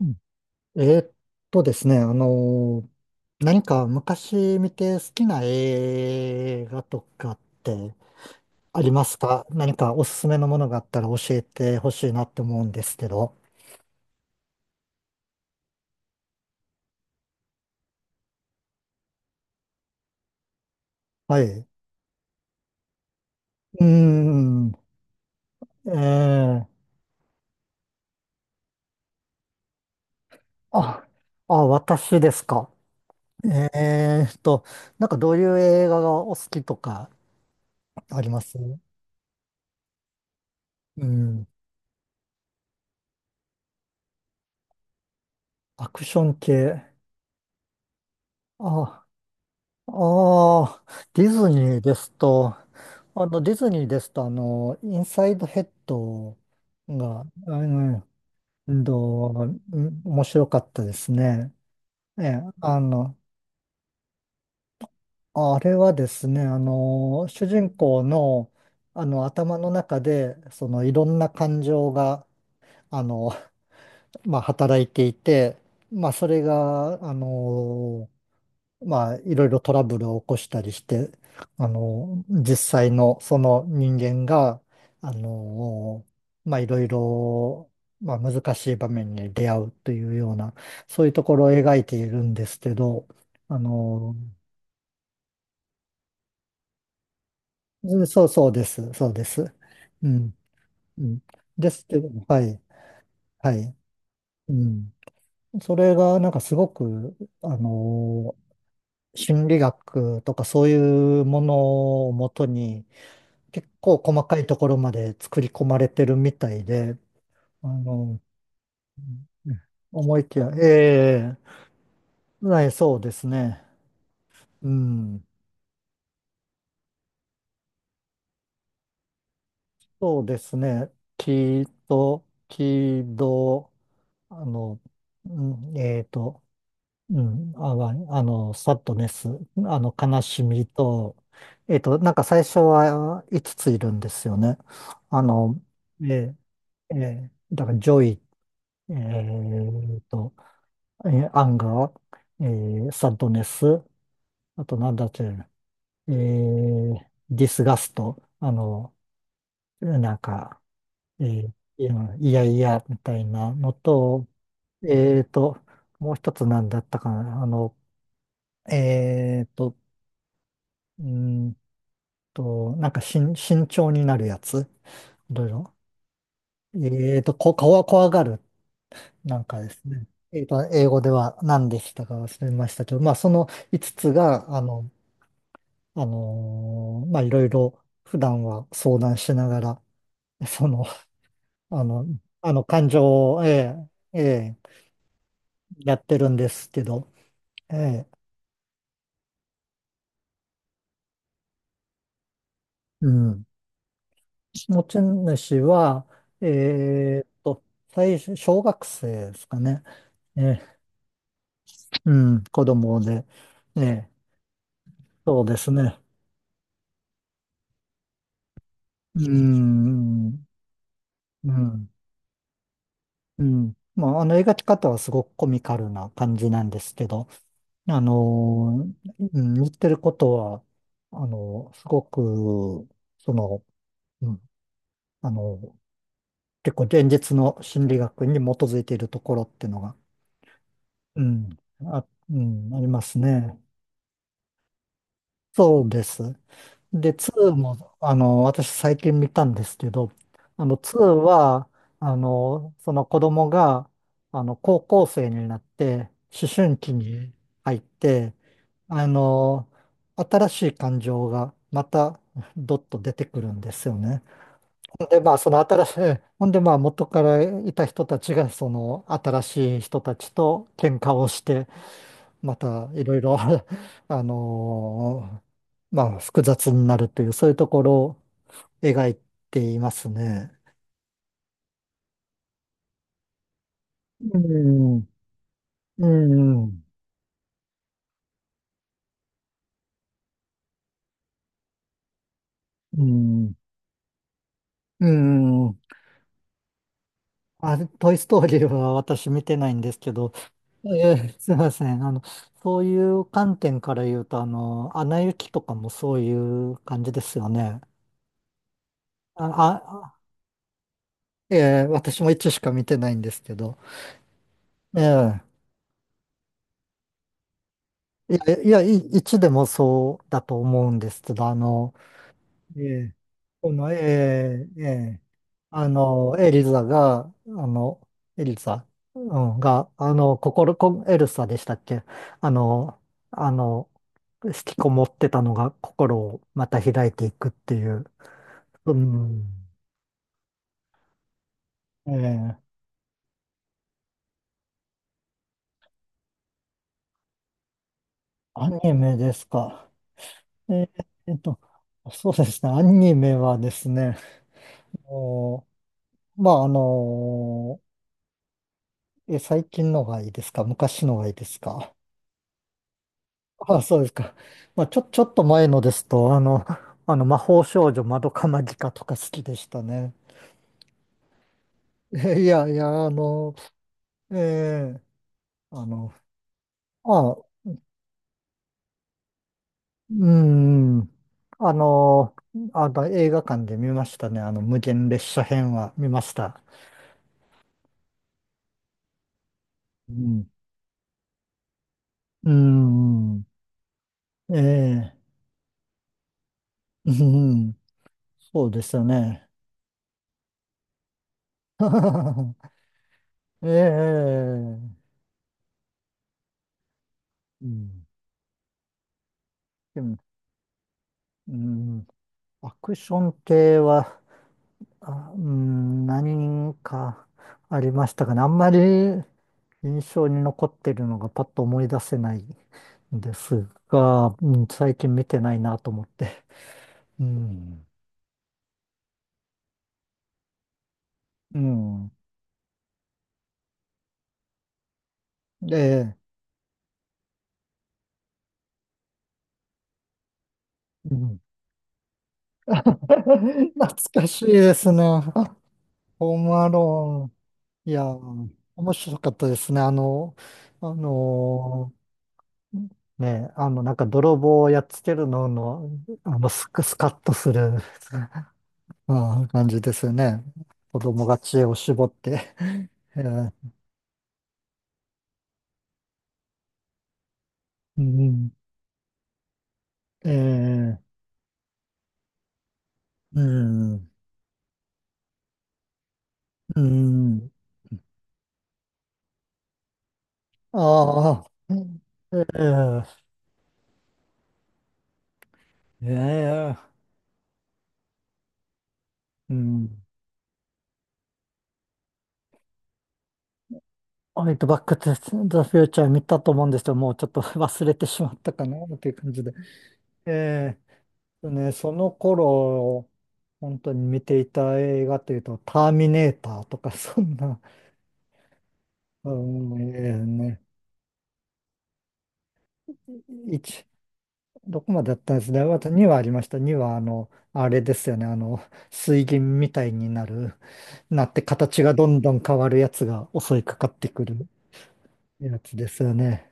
うんえーっとですね、あのー何か昔見て好きな映画とかってありますか？何かおすすめのものがあったら教えてほしいなって思うんですけど。はい。うーん。えー、あ、あ、私ですか？えーっと、なんかどういう映画がお好きとかあります？うん。アクション系。あ、ああ、ディズニーですと、ディズニーですと、インサイドヘッドがうんと、うん面白かったですね。ええ、あれはですね、主人公の、頭の中で、いろんな感情が、あの、まあ、働いていて、まあ、それが、まあ、いろいろトラブルを起こしたりして、実際のその人間が、あの、まあ、いろいろ、まあ、難しい場面に出会うというような、そういうところを描いているんですけど、あの、そうそうです、そうです。うん、うん。ですけど、はい、はい、うん。それが、なんかすごく、あの、心理学とかそういうものをもとに、結構細かいところまで作り込まれてるみたいで、あの、思いきや、ええ、はい、そうですね。うん、そうですね。木と、木と、あの、うんえっと、うん、あ、わあの、サッドネス、悲しみと、なんか最初は5ついるんですよね。あの、えええーだから、ジョイ、えっと、アンガー、えサッドネス、あとなんだっけ、えーディスガスト、なんか、いやいやいやみたいなのと、えーと、もう一つなんだったかな、えーと、うーんなんか慎重になるやつ、いろいろ。こ、こわ、怖がる、なんかですね。英語では何でしたか忘れましたけど、まあ、その5つが、まあ、いろいろ普段は相談しながら、その、あの、あの感情を、ええ、ええ、やってるんですけど、ええ、うん。持ち主は、えーっと、最初、小学生ですかね。ええ、うん、子供で、ええ、そうですね。うん、うん、うん。まあ、描き方はすごくコミカルな感じなんですけど、あのうん言ってることは、すごく、その、うん、あの結構現実の心理学に基づいているところっていうのが、うん、あ、うん、ありますね。そうです。で、2も、私最近見たんですけど、2は、その子供が、高校生になって、思春期に入って、あの、新しい感情がまた、どっと出てくるんですよね。で、まあ、その新しい、ほんで、まあ、元からいた人たちが、その新しい人たちと喧嘩をして、またいろいろ あのまあ、複雑になるという、そういうところを描いていますね。うん、うん、うん、うん。あ、トイ・ストーリーは私見てないんですけど、すいません。そういう観点から言うと、アナ雪とかもそういう感じですよね。あ、私も一しか見てないんですけど。ええいや、いや、一でもそうだと思うんですけど、ええこの、えええエリザが、エリザ、うん、が、エルサでしたっけ？あの、あの、引きこもってたのが心をまた開いていくっていう、うん、ええ、アニメですか？えええっと、そうですね、アニメはですね、もまあ、あのえ、最近のがいいですか？昔のがいいですか？ あ、そうですか。まあ、ちょっと前のですと、魔法少女まどかマギカとか好きでしたね。いや、いや、ええあの、あ、うーん、あの、映画館で見ましたね。無限列車編は見ました。うん、うーん、ええうん、そうですよね。ええうん、でもうんアクション系は、あ、うん、何かありましたかね。あんまり印象に残ってるのがパッと思い出せないんですが、うん、最近見てないなと思って。うん。うん。で、うん、懐かしいですね。ホームアローン。いや、面白かったですね。あのねなんか泥棒をやっつけるの、スカッとする、うん、感じですよね。子供が知恵を絞って。えー、うん、えー、うん、うん、ああ、ー、えー、うん。ホイトバックトゥザフューチャー見たと思うんですけど、もうちょっと 忘れてしまったかなっていう感じで。えね、その頃、本当に見ていた映画というと、ターミネーターとか、そんな、うん、ええね、一どこまでだったんですね。また2はありました。2は、あれですよね。水銀みたいになって形がどんどん変わるやつが襲いかかってくるやつですよね。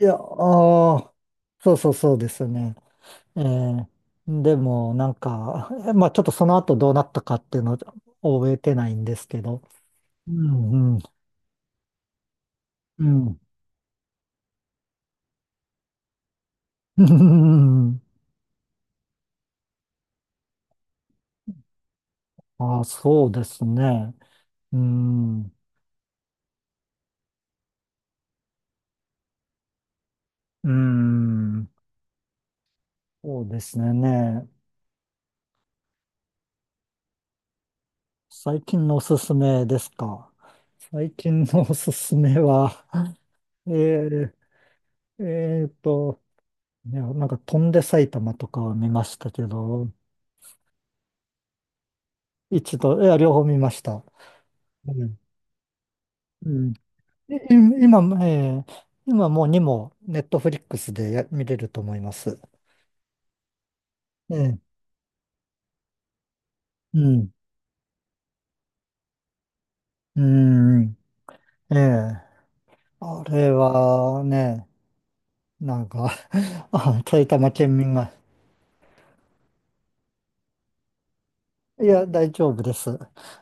いや、ああ、そうそうそうですよね。ええでも、なんか、まあちょっとその後どうなったかっていうのを覚えてないんですけど、うん、うん、うん。うん、あ、そうですね。うん、うん。そうですね。ね。最近のおすすめですか？最近のおすすめは、えー、えーと、いや、なんか飛んで埼玉とかは見ましたけど、一度、いや、両方見ました。うん。うんい今、今もう2もネットフリックスで見れると思います。ええうん。うん。ええ、あれはね、なんか あ、埼玉県民が、いや、大丈夫です。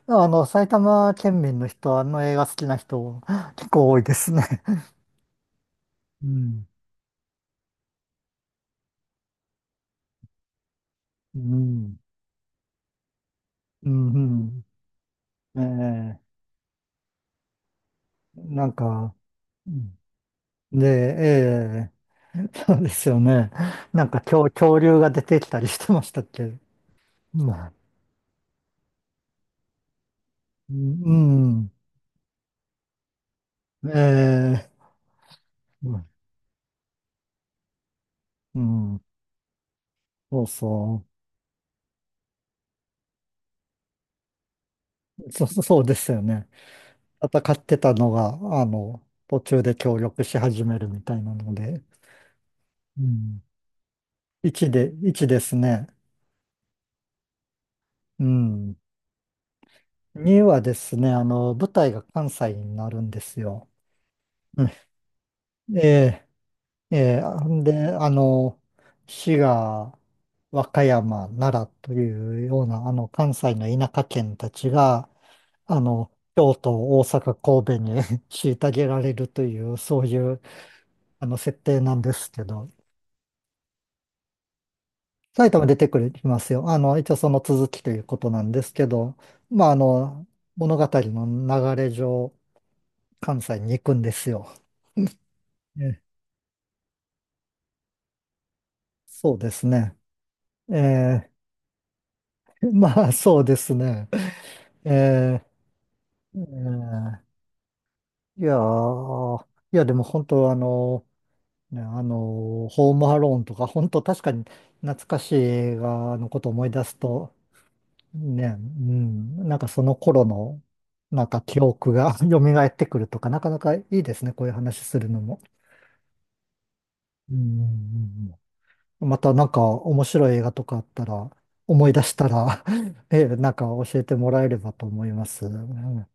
埼玉県民の人、あの映画好きな人、結構多いですね。うん、うん、うん、うん、ええ、なんか、うん、で、ええ、そうですよね。なんか恐竜が出てきたりしてましたっけ？うん、うん、ええ、うん、うん、そうそう、そう、そうですよね。戦ってたのが、途中で協力し始めるみたいなので、うん。1で、1ですね。うん。2はですね、舞台が関西になるんですよ。うん、ええ、ええ、あんで、あの、滋賀、和歌山、奈良というような、関西の田舎県たちが、あの、京都、大阪、神戸に 虐げられるという、そういう、設定なんですけど、埼玉出てくるきますよ。一応その続きということなんですけど、まあ、物語の流れ上、関西に行くんですよ。えそうですね。えまあ、そうですね。えー、えーいやー、いや、でも本当、ね、ホームアローンとか、本当確かに懐かしい映画のことを思い出すと、ね、うん、なんかその頃の、なんか記憶が 蘇ってくるとか、なかなかいいですね、こういう話するのも。うん、うん、うん、またなんか面白い映画とかあったら、思い出したら なんか教えてもらえればと思います。うん